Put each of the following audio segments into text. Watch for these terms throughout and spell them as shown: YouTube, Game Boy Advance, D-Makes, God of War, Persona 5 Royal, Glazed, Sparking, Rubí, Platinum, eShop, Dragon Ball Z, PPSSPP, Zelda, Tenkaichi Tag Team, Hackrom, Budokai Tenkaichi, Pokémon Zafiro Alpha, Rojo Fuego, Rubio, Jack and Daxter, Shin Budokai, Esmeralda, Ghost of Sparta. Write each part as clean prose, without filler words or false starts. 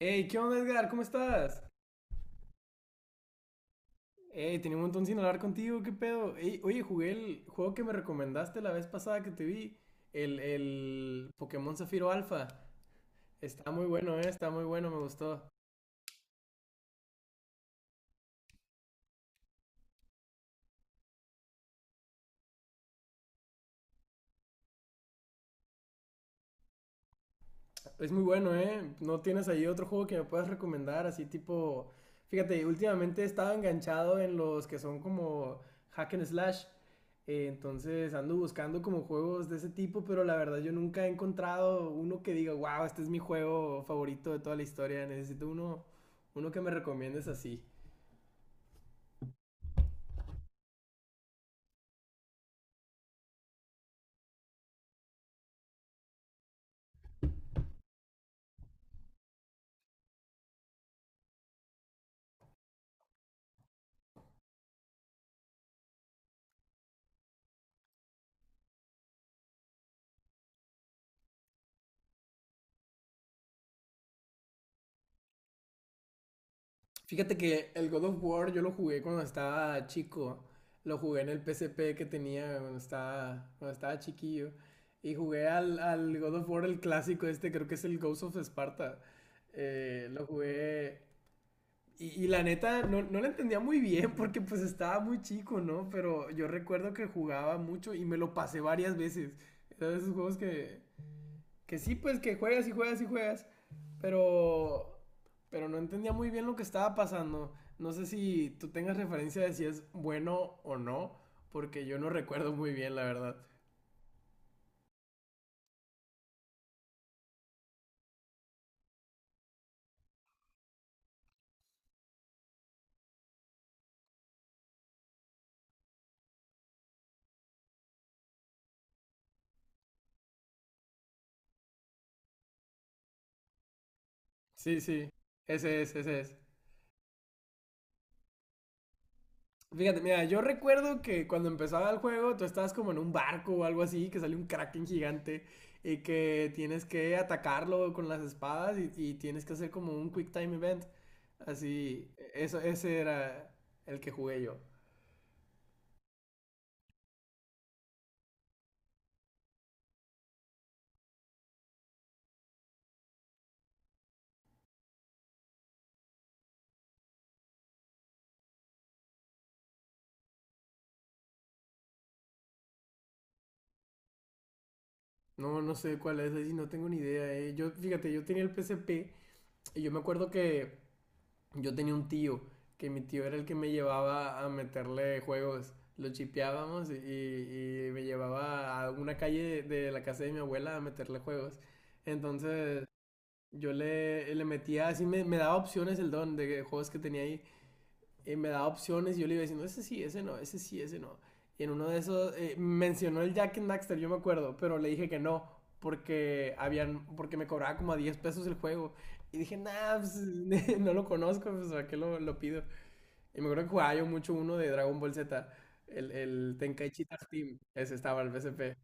Hey, ¿qué onda, Edgar? ¿Cómo estás? Hey, tenía un montón sin hablar contigo, ¿qué pedo? Ey, oye, jugué el juego que me recomendaste la vez pasada que te vi, el Pokémon Zafiro Alpha. Está muy bueno, me gustó. Es muy bueno, ¿eh? ¿No tienes ahí otro juego que me puedas recomendar? Así tipo. Fíjate, últimamente he estado enganchado en los que son como hack and slash. Entonces ando buscando como juegos de ese tipo, pero la verdad yo nunca he encontrado uno que diga, wow, este es mi juego favorito de toda la historia. Necesito uno que me recomiendes así. Fíjate que el God of War yo lo jugué cuando estaba chico. Lo jugué en el P S P que tenía cuando cuando estaba chiquillo. Y jugué al God of War, el clásico este, creo que es el Ghost of Sparta. Lo jugué. Y la neta, no, no lo entendía muy bien porque pues estaba muy chico, ¿no? Pero yo recuerdo que jugaba mucho y me lo pasé varias veces. Era de esos juegos que sí, pues que juegas y juegas y juegas. Pero. Pero no entendía muy bien lo que estaba pasando. No sé si tú tengas referencia de si es bueno o no. Porque yo no recuerdo muy bien, la verdad. Sí, sí. Ese es, ese es. Fíjate, mira, yo recuerdo que cuando empezaba el juego, tú estabas como en un barco o algo así, que sale un kraken gigante y que tienes que atacarlo con las espadas y tienes que hacer como un quick time event. Así, ese era el que jugué yo. No, no sé cuál es, ahí no tengo ni idea, eh. Yo, fíjate, yo tenía el P S P y yo me acuerdo que yo tenía un tío, que mi tío era el que me llevaba a meterle juegos. Lo chipeábamos y me llevaba a una calle de la casa de mi abuela a meterle juegos. Entonces, yo le metía así, me daba opciones el don de juegos que tenía ahí, me daba opciones y yo le iba diciendo, ese sí, ese no, ese sí, ese no. Y en uno de esos, mencionó el Jack and Daxter, yo me acuerdo, pero le dije que no, porque me cobraba como a 10 pesos el juego. Y dije, nah, pues, no lo conozco, pues, ¿a qué lo pido? Y me acuerdo que jugaba yo mucho uno de Dragon Ball Z, el Tenkaichi Tag Team, ese estaba, el PSP,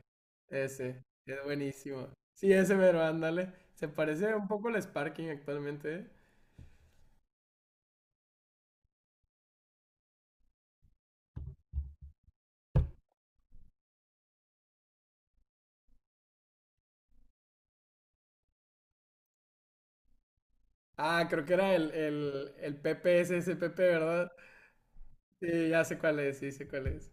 ese, es buenísimo. Sí, ese mero, ándale. Se parece un poco al Sparking actualmente, ¿eh? Ah, creo que era el PPSSPP, ¿verdad? Sí, ya sé cuál es, sí, sé cuál es.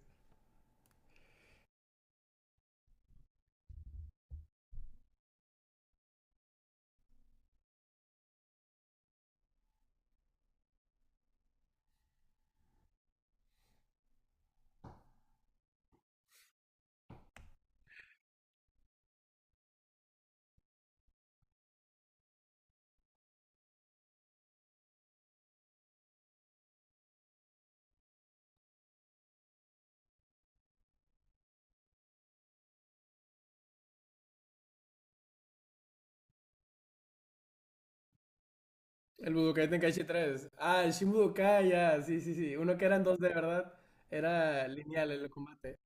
El Budokai Tenkaichi 3. Ah, el Shin Budokai, ya, sí, sí, sí. Uno que eran dos de verdad, era lineal el combate.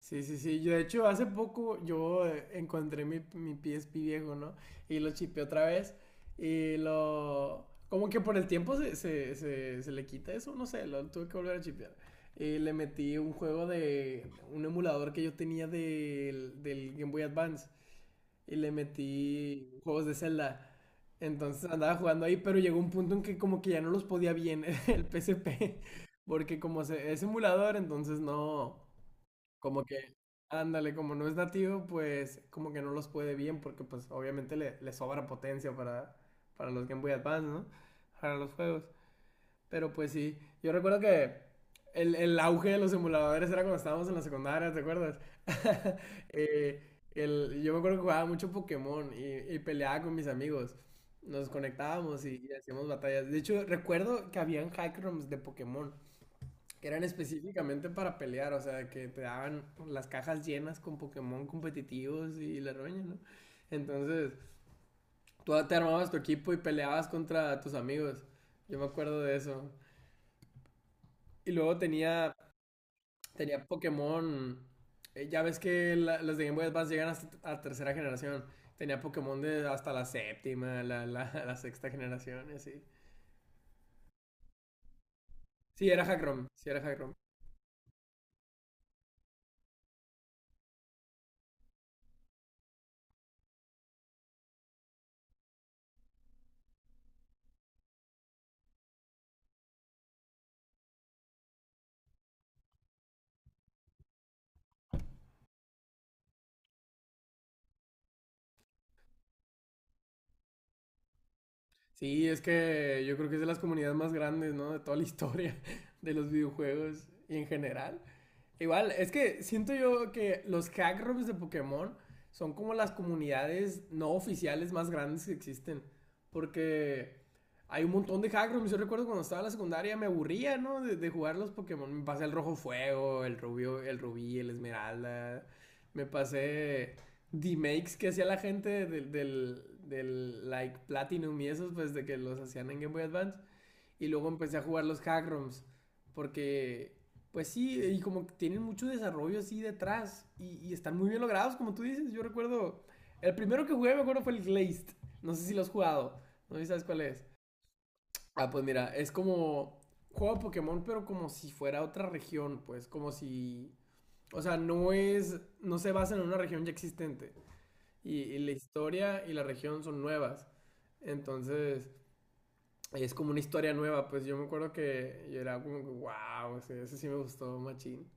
Sí, sí, sí. Yo, de hecho, hace poco yo, encontré mi PSP viejo, ¿no? Y lo chipé otra vez. Como que por el tiempo se le quita eso, no sé, lo tuve que volver a chipear. Y le metí un emulador que yo tenía del Game Boy Advance. Y le metí juegos de Zelda. Entonces andaba jugando ahí, pero llegó un punto en que como que ya no los podía bien el P S P porque como es emulador, entonces no, como que, ándale, como no es nativo, pues como que no los puede bien, porque pues obviamente le sobra potencia para los Game Boy Advance, ¿no? Para los juegos. Pero pues sí, yo recuerdo que el auge de los emuladores era cuando estábamos en la secundaria, ¿te acuerdas? Eh, yo me acuerdo que jugaba mucho Pokémon y peleaba con mis amigos. Nos conectábamos y hacíamos batallas. De hecho, recuerdo que habían hack rooms de Pokémon que eran específicamente para pelear, o sea, que te daban las cajas llenas con Pokémon competitivos y la roña, ¿no? Entonces, tú te armabas tu equipo y peleabas contra tus amigos. Yo me acuerdo de eso. Y luego tenía Pokémon. Ya ves que las de Game Boy Advance llegan hasta a tercera generación. Tenía Pokémon de hasta la séptima, la sexta generación y así. Sí, era Hackrom. Sí, era Hackrom. Sí, es que yo creo que es de las comunidades más grandes, ¿no? De toda la historia de los videojuegos y en general. Igual, es que siento yo que los hack rooms de Pokémon son como las comunidades no oficiales más grandes que existen. Porque hay un montón de hack rooms. Yo recuerdo cuando estaba en la secundaria me aburría, ¿no? De jugar los Pokémon. Me pasé el Rojo Fuego, el Rubio, el Rubí, el Esmeralda. Me pasé D-Makes que hacía la gente del like Platinum y esos, pues de que los hacían en Game Boy Advance. Y luego empecé a jugar los hack ROMs. Porque, pues sí, y como que tienen mucho desarrollo así detrás. Y están muy bien logrados, como tú dices. Yo recuerdo. El primero que jugué, me acuerdo, fue el Glazed. No sé si lo has jugado. No sé si sabes cuál es. Ah, pues mira, es como. Juego de Pokémon, pero como si fuera otra región, pues. Como si. O sea, no es. No se basa en una región ya existente. Y la historia y la región son nuevas. Entonces es como una historia nueva, pues yo me acuerdo que yo era como, wow, ese sí me gustó, machín.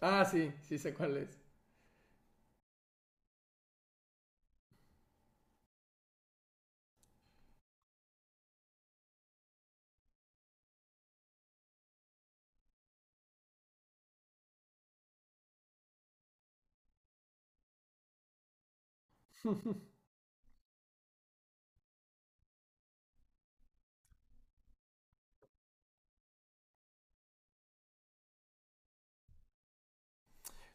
Ah, sí, sí sé cuál es.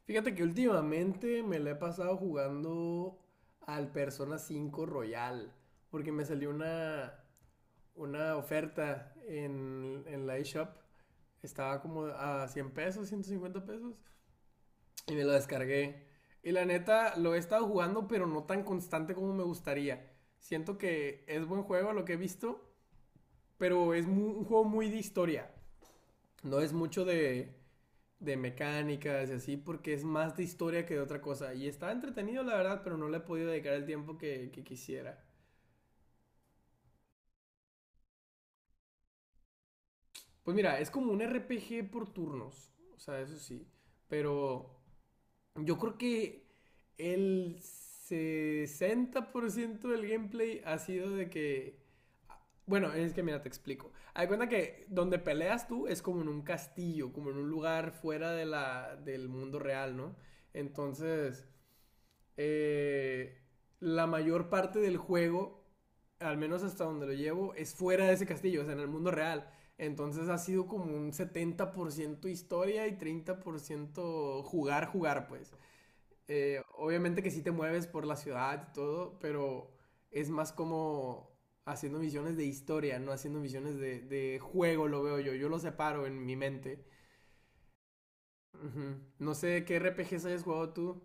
Fíjate que últimamente me la he pasado jugando al Persona 5 Royal, porque me salió una oferta en la eShop. Estaba como a 100 pesos, 150 pesos, y me lo descargué. Y la neta, lo he estado jugando, pero no tan constante como me gustaría. Siento que es buen juego lo que he visto. Pero es un juego muy de historia. No es mucho de mecánicas y así, porque es más de historia que de otra cosa. Y está entretenido, la verdad, pero no le he podido dedicar el tiempo que quisiera. Pues mira, es como un RPG por turnos. O sea, eso sí. Pero yo creo que el 60% del gameplay ha sido. De que Bueno, es que mira, te explico. Hay cuenta que donde peleas tú es como en un castillo, como en un lugar fuera de del mundo real, ¿no? Entonces, eh, la mayor parte del juego, al menos hasta donde lo llevo, es fuera de ese castillo, o sea, en el mundo real. Entonces ha sido como un 70% historia y 30% jugar, jugar, pues. Obviamente que sí te mueves por la ciudad y todo, pero es más como haciendo misiones de historia, no haciendo misiones de juego, lo veo yo. Yo lo separo en mi mente. Ujú. No sé qué RPGs hayas jugado tú.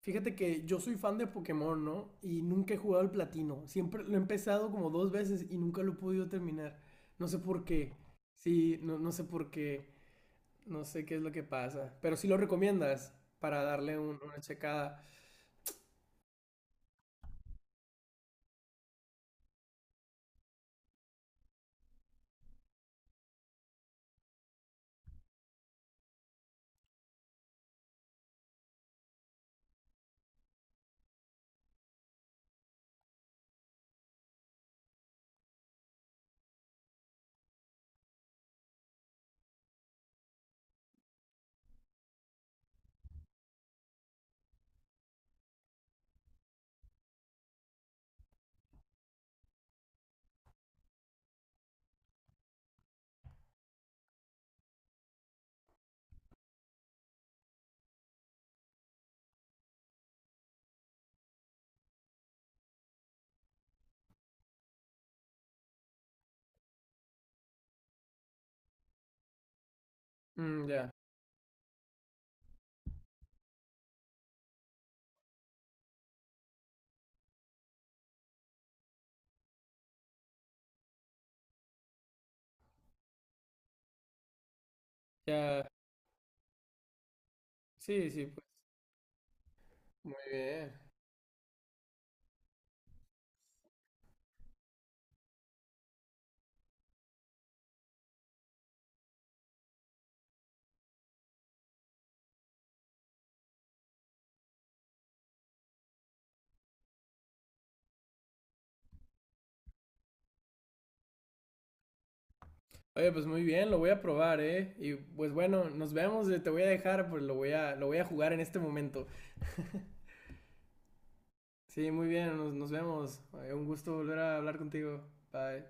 Fíjate que yo soy fan de Pokémon, ¿no? Y nunca he jugado al platino. Siempre lo he empezado como dos veces y nunca lo he podido terminar. No sé por qué. Sí, no, no sé por qué. No sé qué es lo que pasa. Pero sí lo recomiendas para darle una checada. Mm, ya. Ya. Sí, sí, pues muy bien. Oye, pues muy bien, lo voy a probar, ¿eh? Y pues bueno, nos vemos, te voy a dejar, pues lo voy a jugar en este momento. Sí, muy bien, nos vemos. Un gusto volver a hablar contigo. Bye.